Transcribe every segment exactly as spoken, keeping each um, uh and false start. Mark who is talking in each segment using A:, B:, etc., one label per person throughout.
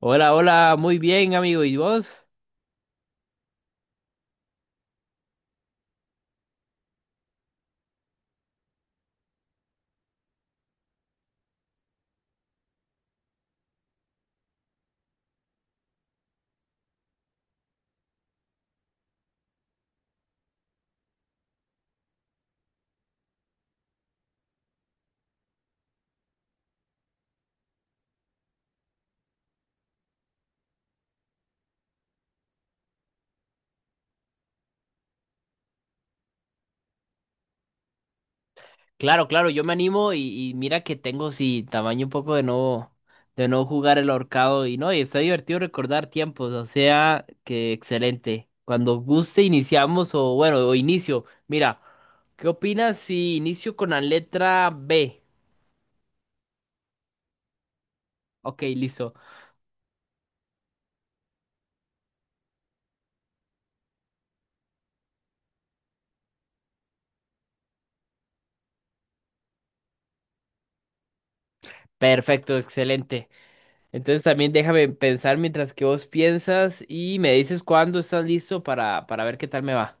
A: Hola, hola, muy bien, amigo. ¿Y vos? Claro, claro, yo me animo y, y mira que tengo sí tamaño un poco de no de no jugar el ahorcado y no, y está divertido recordar tiempos, o sea, que excelente. Cuando guste iniciamos o bueno, o inicio. Mira, ¿qué opinas si inicio con la letra B? Ok, listo. Perfecto, excelente. Entonces también déjame pensar mientras que vos piensas y me dices cuándo estás listo para para ver qué tal me va.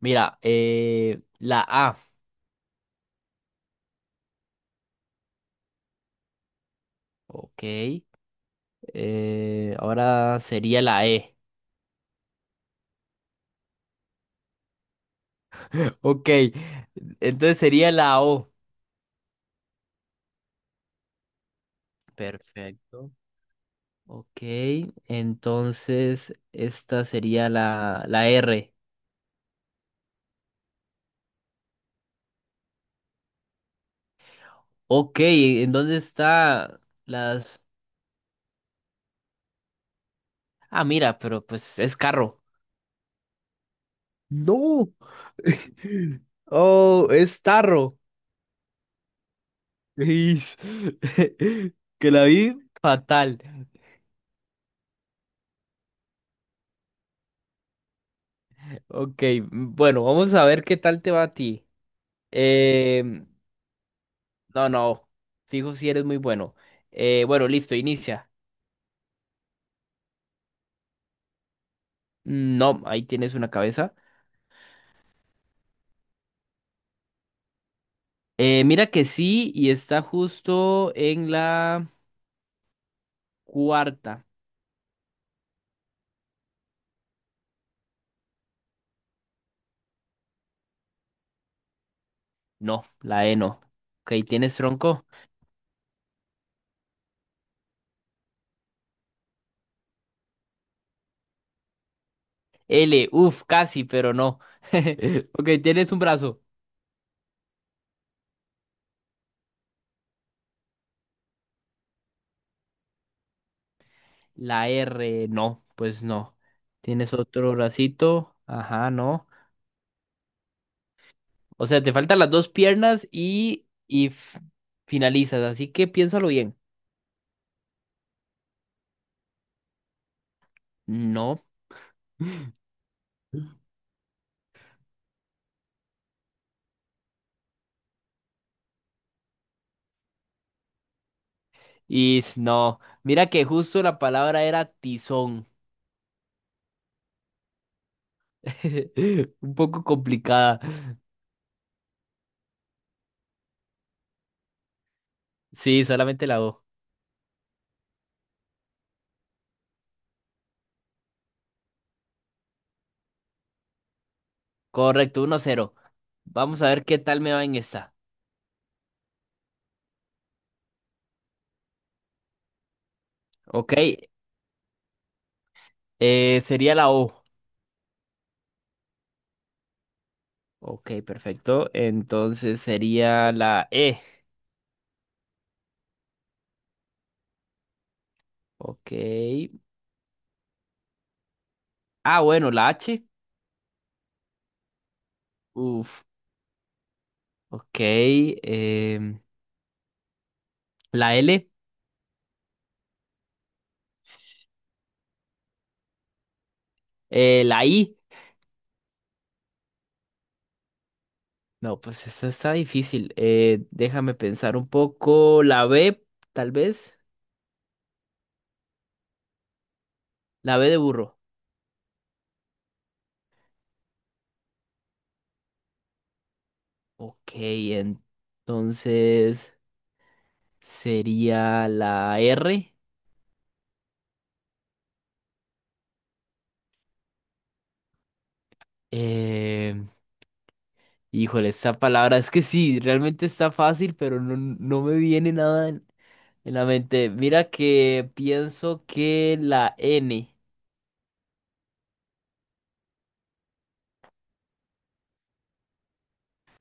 A: Mira, eh, la A. Ok. eh, ahora sería la E. Ok. Entonces sería la O. Perfecto. Ok. Entonces esta sería la, la R. Ok. ¿En dónde está las? Ah, mira, pero pues es carro. No. Oh, es tarro. Is. Que la vi fatal. Ok. Bueno, vamos a ver qué tal te va a ti. No, no. Fijo si eres muy bueno. Eh, bueno, listo, inicia. No, ahí tienes una cabeza. Eh, mira que sí, y está justo en la cuarta. No, la E no. Ok, tienes tronco. L, uff, casi, pero no. Ok, tienes un brazo. La R, no, pues no. Tienes otro bracito. Ajá, no. O sea, te faltan las dos piernas y, y f- finalizas, así que piénsalo bien. No. Is no. Mira que justo la palabra era tizón. Un poco complicada. Sí, solamente la O. Correcto, uno cero. Vamos a ver qué tal me va en esta. Ok, eh, sería la O. Ok, perfecto. Entonces sería la E. Ok. Ah, bueno, la H. Uf. Ok. em, la L. Eh, la I. No, pues esta está difícil. Eh, déjame pensar un poco. La B, tal vez. La B de burro. Ok, entonces sería la R. Eh, híjole, esta palabra es que sí, realmente está fácil, pero no, no me viene nada en, en la mente. Mira que pienso que la N.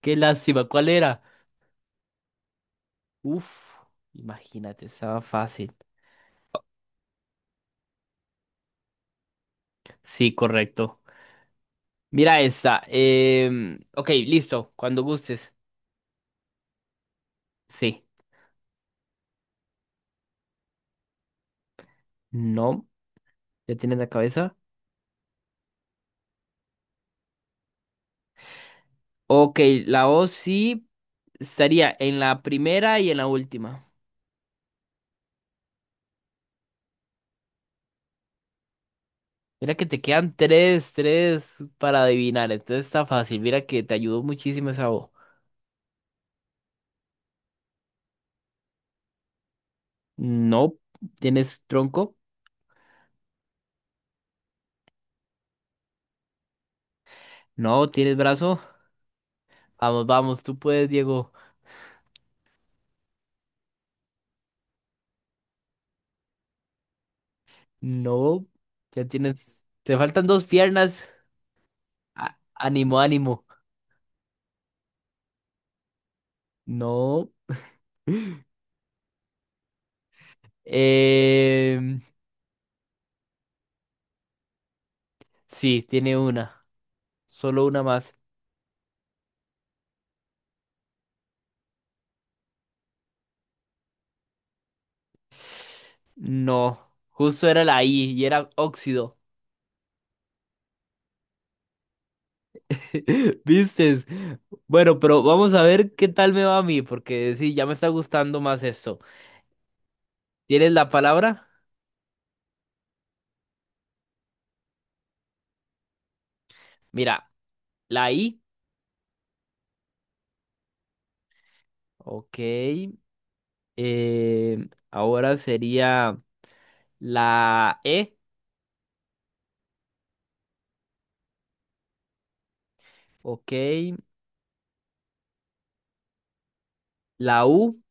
A: Qué lástima, ¿cuál era? Uf, imagínate, estaba fácil. Sí, correcto. Mira esta. em, ok, listo, cuando gustes. Sí. No, ya tienes la cabeza. Ok, la O sí estaría en la primera y en la última. Mira que te quedan tres, tres para adivinar. Entonces está fácil. Mira que te ayudó muchísimo esa O. No, tienes tronco. No, tienes brazo. Vamos, vamos, tú puedes, Diego. No, ya tienes. Te faltan dos piernas. A- ánimo, ánimo. No. em, sí, tiene una. Solo una más. No, justo era la I y era óxido. Vistes. Bueno, pero vamos a ver qué tal me va a mí, porque sí, ya me está gustando más esto. ¿Tienes la palabra? Mira, la I. Ok. eh, ahora sería la E. Ok. La U.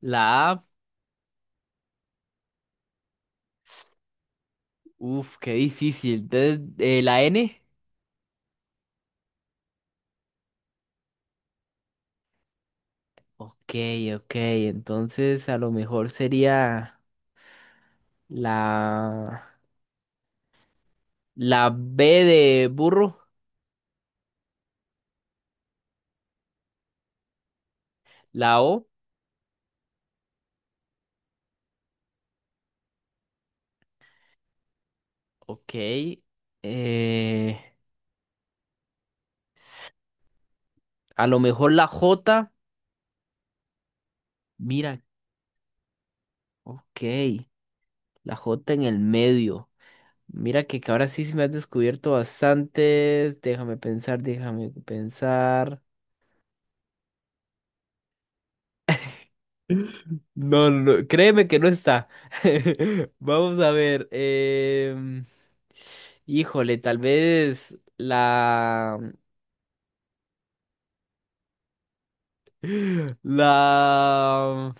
A: La A. Uf, qué difícil. Entonces, eh, la N. Ok, ok. Entonces, a lo mejor sería la, la B de burro. La O. Ok. eh, a lo mejor la J. Mira, ok. La J en el medio. Mira que, que ahora sí se me has descubierto bastante. Déjame pensar, déjame pensar. No, no, no, créeme que no está. Vamos a ver. em, Híjole, tal vez la... La...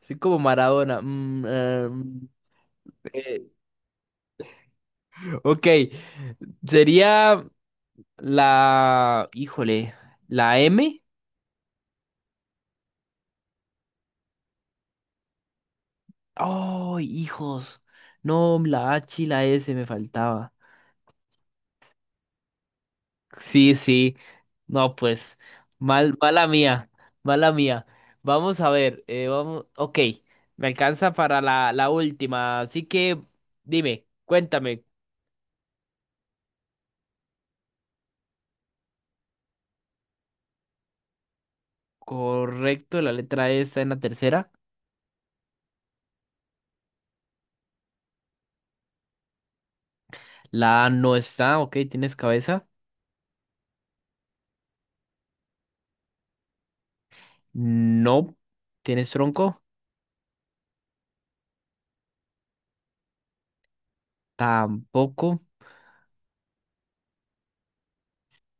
A: Soy como Maradona. mm, em, eh, Ok, sería la, híjole, la M. Oh, hijos. No, la H y la S me faltaba. Sí, sí. No, pues, mal, mala mía, mala mía. Vamos a ver, eh, vamos, ok, me alcanza para la, la última, así que dime, cuéntame, ¿correcto la letra E está en la tercera? La A no está, ok, ¿tienes cabeza? No, ¿tienes tronco? Tampoco.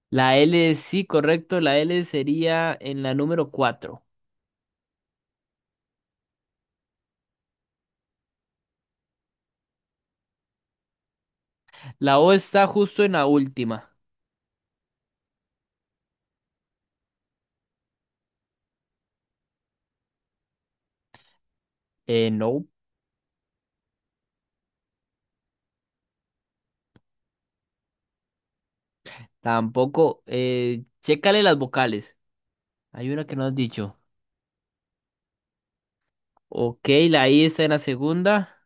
A: La L, sí, correcto. La L sería en la número cuatro. La O está justo en la última. Eh, no. Tampoco. Eh, chécale las vocales. Hay una que no has dicho. Ok, la I está en la segunda.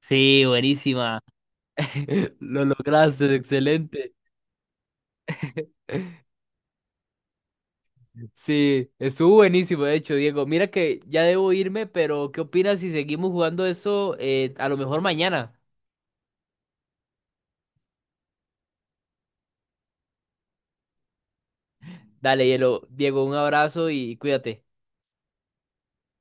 A: Sí, buenísima. Lo lograste, excelente. Sí, estuvo buenísimo, de hecho, Diego. Mira que ya debo irme, pero ¿qué opinas si seguimos jugando eso eh, a lo mejor mañana? Dale, Hielo. Diego, un abrazo y cuídate.